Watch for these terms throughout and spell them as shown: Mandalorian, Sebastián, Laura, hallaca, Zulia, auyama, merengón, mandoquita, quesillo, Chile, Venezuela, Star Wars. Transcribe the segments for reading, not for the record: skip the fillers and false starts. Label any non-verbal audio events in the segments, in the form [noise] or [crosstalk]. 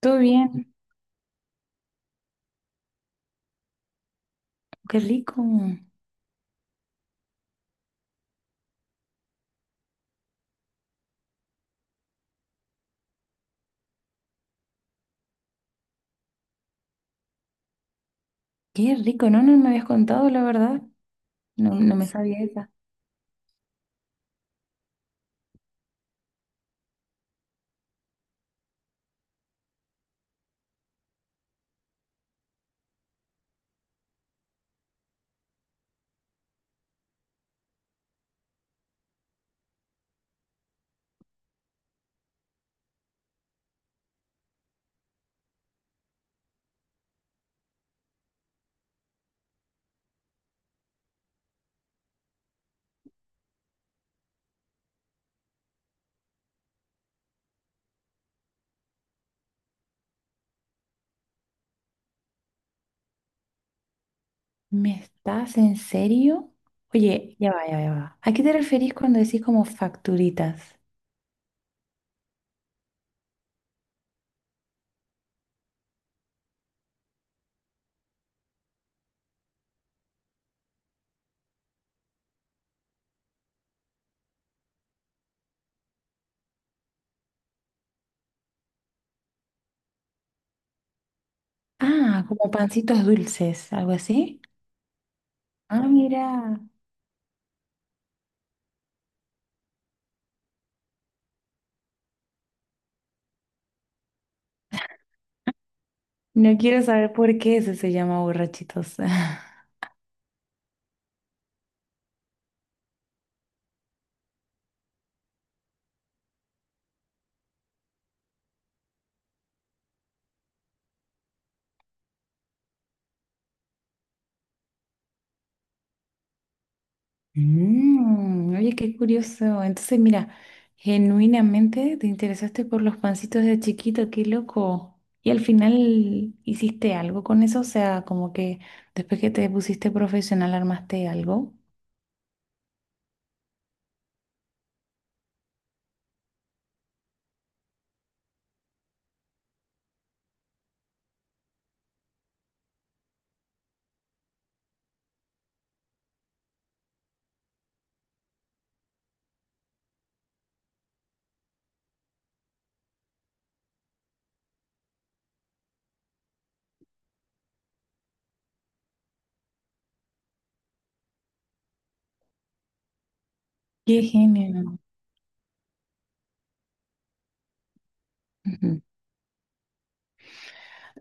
Todo bien, qué rico, qué rico, no, no me habías contado la verdad, no, no me sabía esa. ¿Me estás en serio? Oye, ya va, ya va, ya va. ¿A qué te referís cuando decís como facturitas? Ah, como pancitos dulces, algo así. Ah, mira, no quiero saber por qué ese se llama borrachitos. [laughs] Mm, oye, qué curioso. Entonces, mira, genuinamente te interesaste por los pancitos de chiquito, qué loco. Y al final hiciste algo con eso, o sea, como que después que te pusiste profesional armaste algo. Qué genio. Ujú.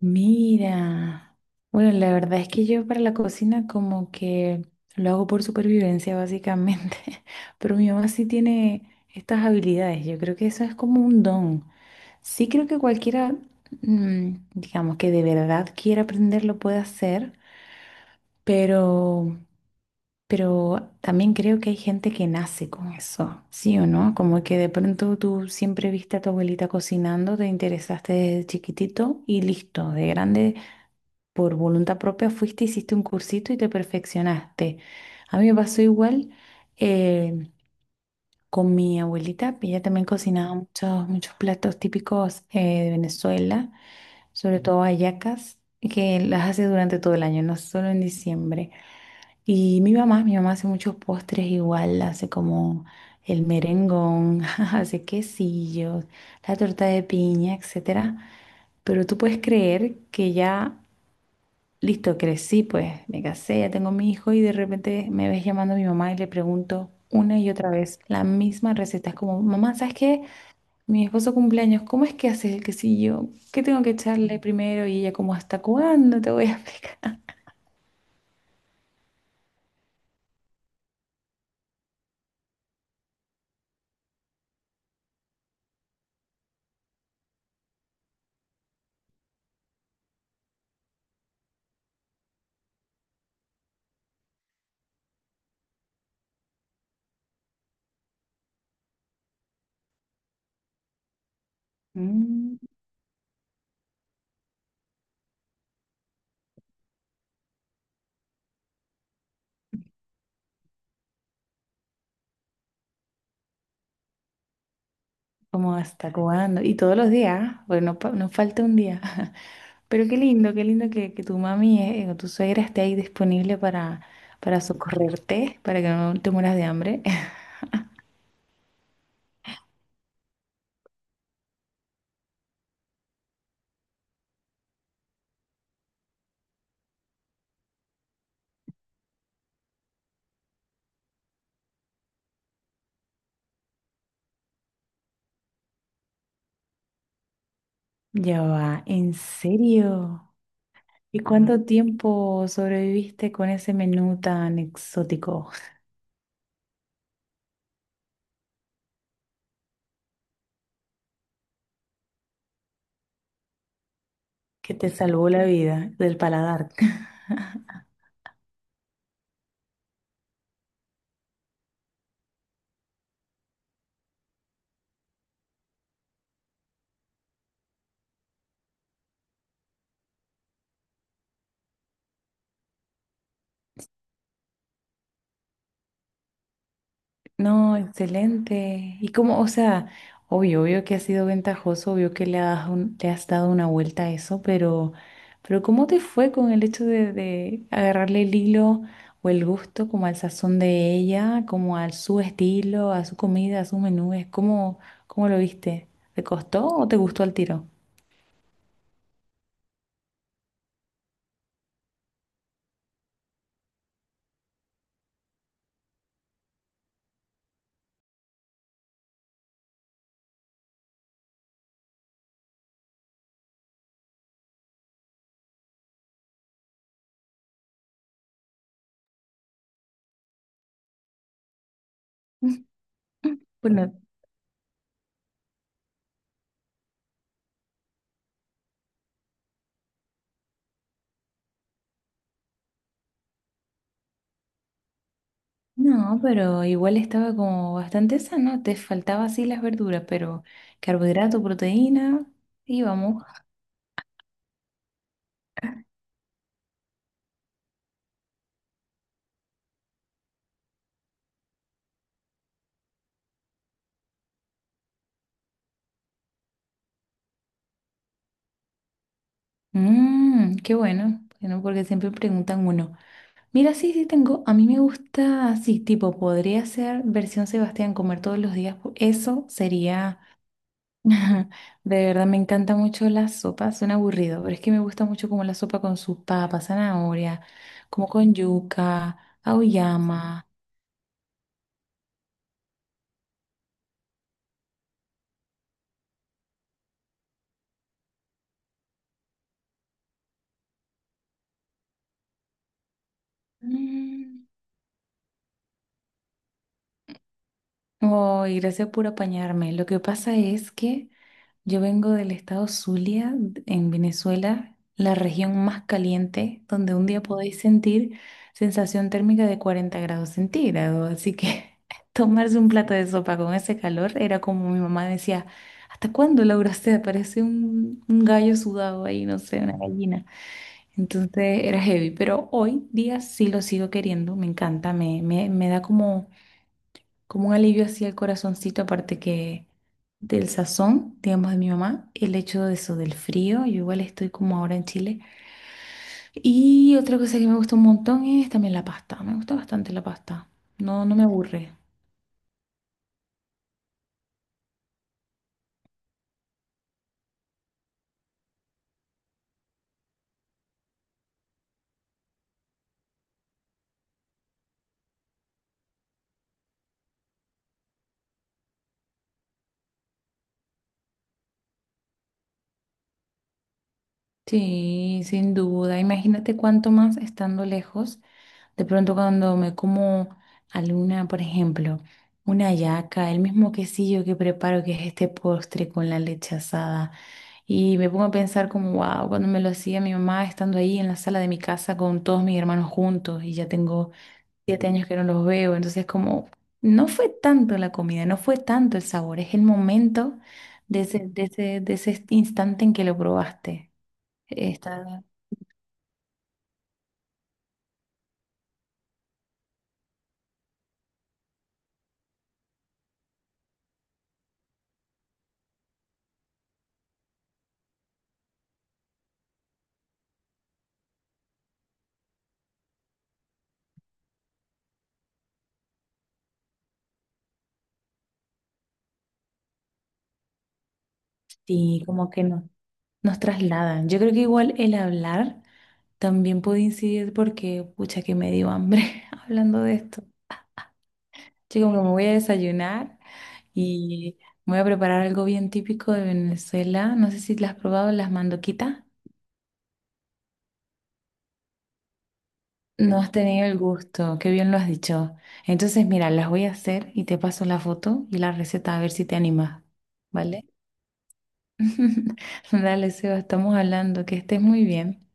Mira, bueno, la verdad es que yo para la cocina como que lo hago por supervivencia básicamente. [laughs] Pero mi mamá sí tiene estas habilidades, yo creo que eso es como un don. Sí creo que cualquiera, digamos, que de verdad quiera aprender lo puede hacer, pero, pero también creo que hay gente que nace con eso, ¿sí o no? Como que de pronto tú siempre viste a tu abuelita cocinando, te interesaste desde chiquitito y listo, de grande por voluntad propia fuiste, hiciste un cursito y te perfeccionaste. A mí me pasó igual eh, con mi abuelita, que ella también cocinaba muchos, muchos platos típicos de Venezuela. Sobre todo hallacas, que las hace durante todo el año, no solo en diciembre. Y mi mamá hace muchos postres igual, hace como el merengón. [laughs] Hace quesillos, la torta de piña, etcétera. Pero tú puedes creer que ya, listo, crecí, pues me casé, ya tengo mi hijo y de repente me ves llamando a mi mamá y le pregunto una y otra vez la misma receta. Es como, mamá, ¿sabes qué? Mi esposo cumpleaños, ¿cómo es que haces el quesillo? ¿Qué tengo que echarle primero? Y ella, como, ¿hasta cuándo te voy a explicar? [laughs] Mm. Como, ¿hasta cuándo? Y todos los días, bueno, no, no falta un día. [laughs] Pero qué lindo que tu mami o tu suegra esté ahí disponible para socorrerte, para que no te mueras de hambre. [laughs] Ya va, ¿en serio? ¿Y cuánto tiempo sobreviviste con ese menú tan exótico que te salvó la vida del paladar? [laughs] No, excelente. Y como, o sea, obvio, obvio que ha sido ventajoso, obvio que le has, le has dado una vuelta a eso, pero ¿cómo te fue con el hecho de agarrarle el hilo o el gusto como al sazón de ella, como a su estilo, a su comida, a sus menús? ¿Cómo lo viste? ¿Te costó o te gustó al tiro? [laughs] Mm, mm. Bueno, no, pero igual estaba como bastante sano, te faltaba así las verduras, pero carbohidrato, proteína, íbamos. Qué bueno, bueno, porque siempre preguntan uno. Mira, sí, sí tengo, a mí me gusta así, tipo, podría ser versión Sebastián, comer todos los días. Eso sería, [laughs] de verdad me encanta mucho la sopa, suena aburrido, pero es que me gusta mucho como la sopa con sus papas, zanahoria, como con yuca, auyama. Mm. Ay, gracias por apañarme. Lo que pasa es que. Yo vengo del estado Zulia, en Venezuela, la región más caliente, donde un día podéis sentir sensación térmica de 40 grados centígrados. Así que [laughs] tomarse un plato de sopa con ese calor era como mi mamá decía, ¿hasta cuándo, Laura? O sea, parece un gallo sudado ahí, no sé, una gallina. Entonces era heavy, pero hoy día sí lo sigo queriendo, me encanta, me da como un alivio hacia el corazoncito, aparte que del sazón, digamos, de mi mamá, el hecho de eso, del frío, yo igual estoy como ahora en Chile. Y otra cosa que me gusta un montón es también la pasta, me gusta bastante la pasta, no, no me aburre. Sí, sin duda, imagínate cuánto más estando lejos, de pronto cuando me como alguna, por ejemplo, una hallaca el mismo quesillo que preparo, que es este postre con la leche asada. Y me pongo a pensar como, wow, cuando me lo hacía mi mamá estando ahí en la sala de mi casa con todos mis hermanos juntos y ya tengo 7 años que no los veo, entonces como, no fue tanto la comida, no fue tanto el sabor, es el momento de ese instante en que lo probaste. Está, sí, como que no, nos trasladan. Yo creo que igual el hablar también puede incidir porque, pucha, que me dio hambre [laughs] hablando de esto. Yo como que me voy a desayunar. Y me voy a preparar algo bien típico de Venezuela. No sé si las has probado las mandoquitas. No has tenido el gusto, qué bien lo has dicho. Entonces, mira, las voy a hacer y te paso la foto y la receta a ver si te animas, ¿vale? [laughs] Dale, Seba, estamos hablando, que estés muy bien.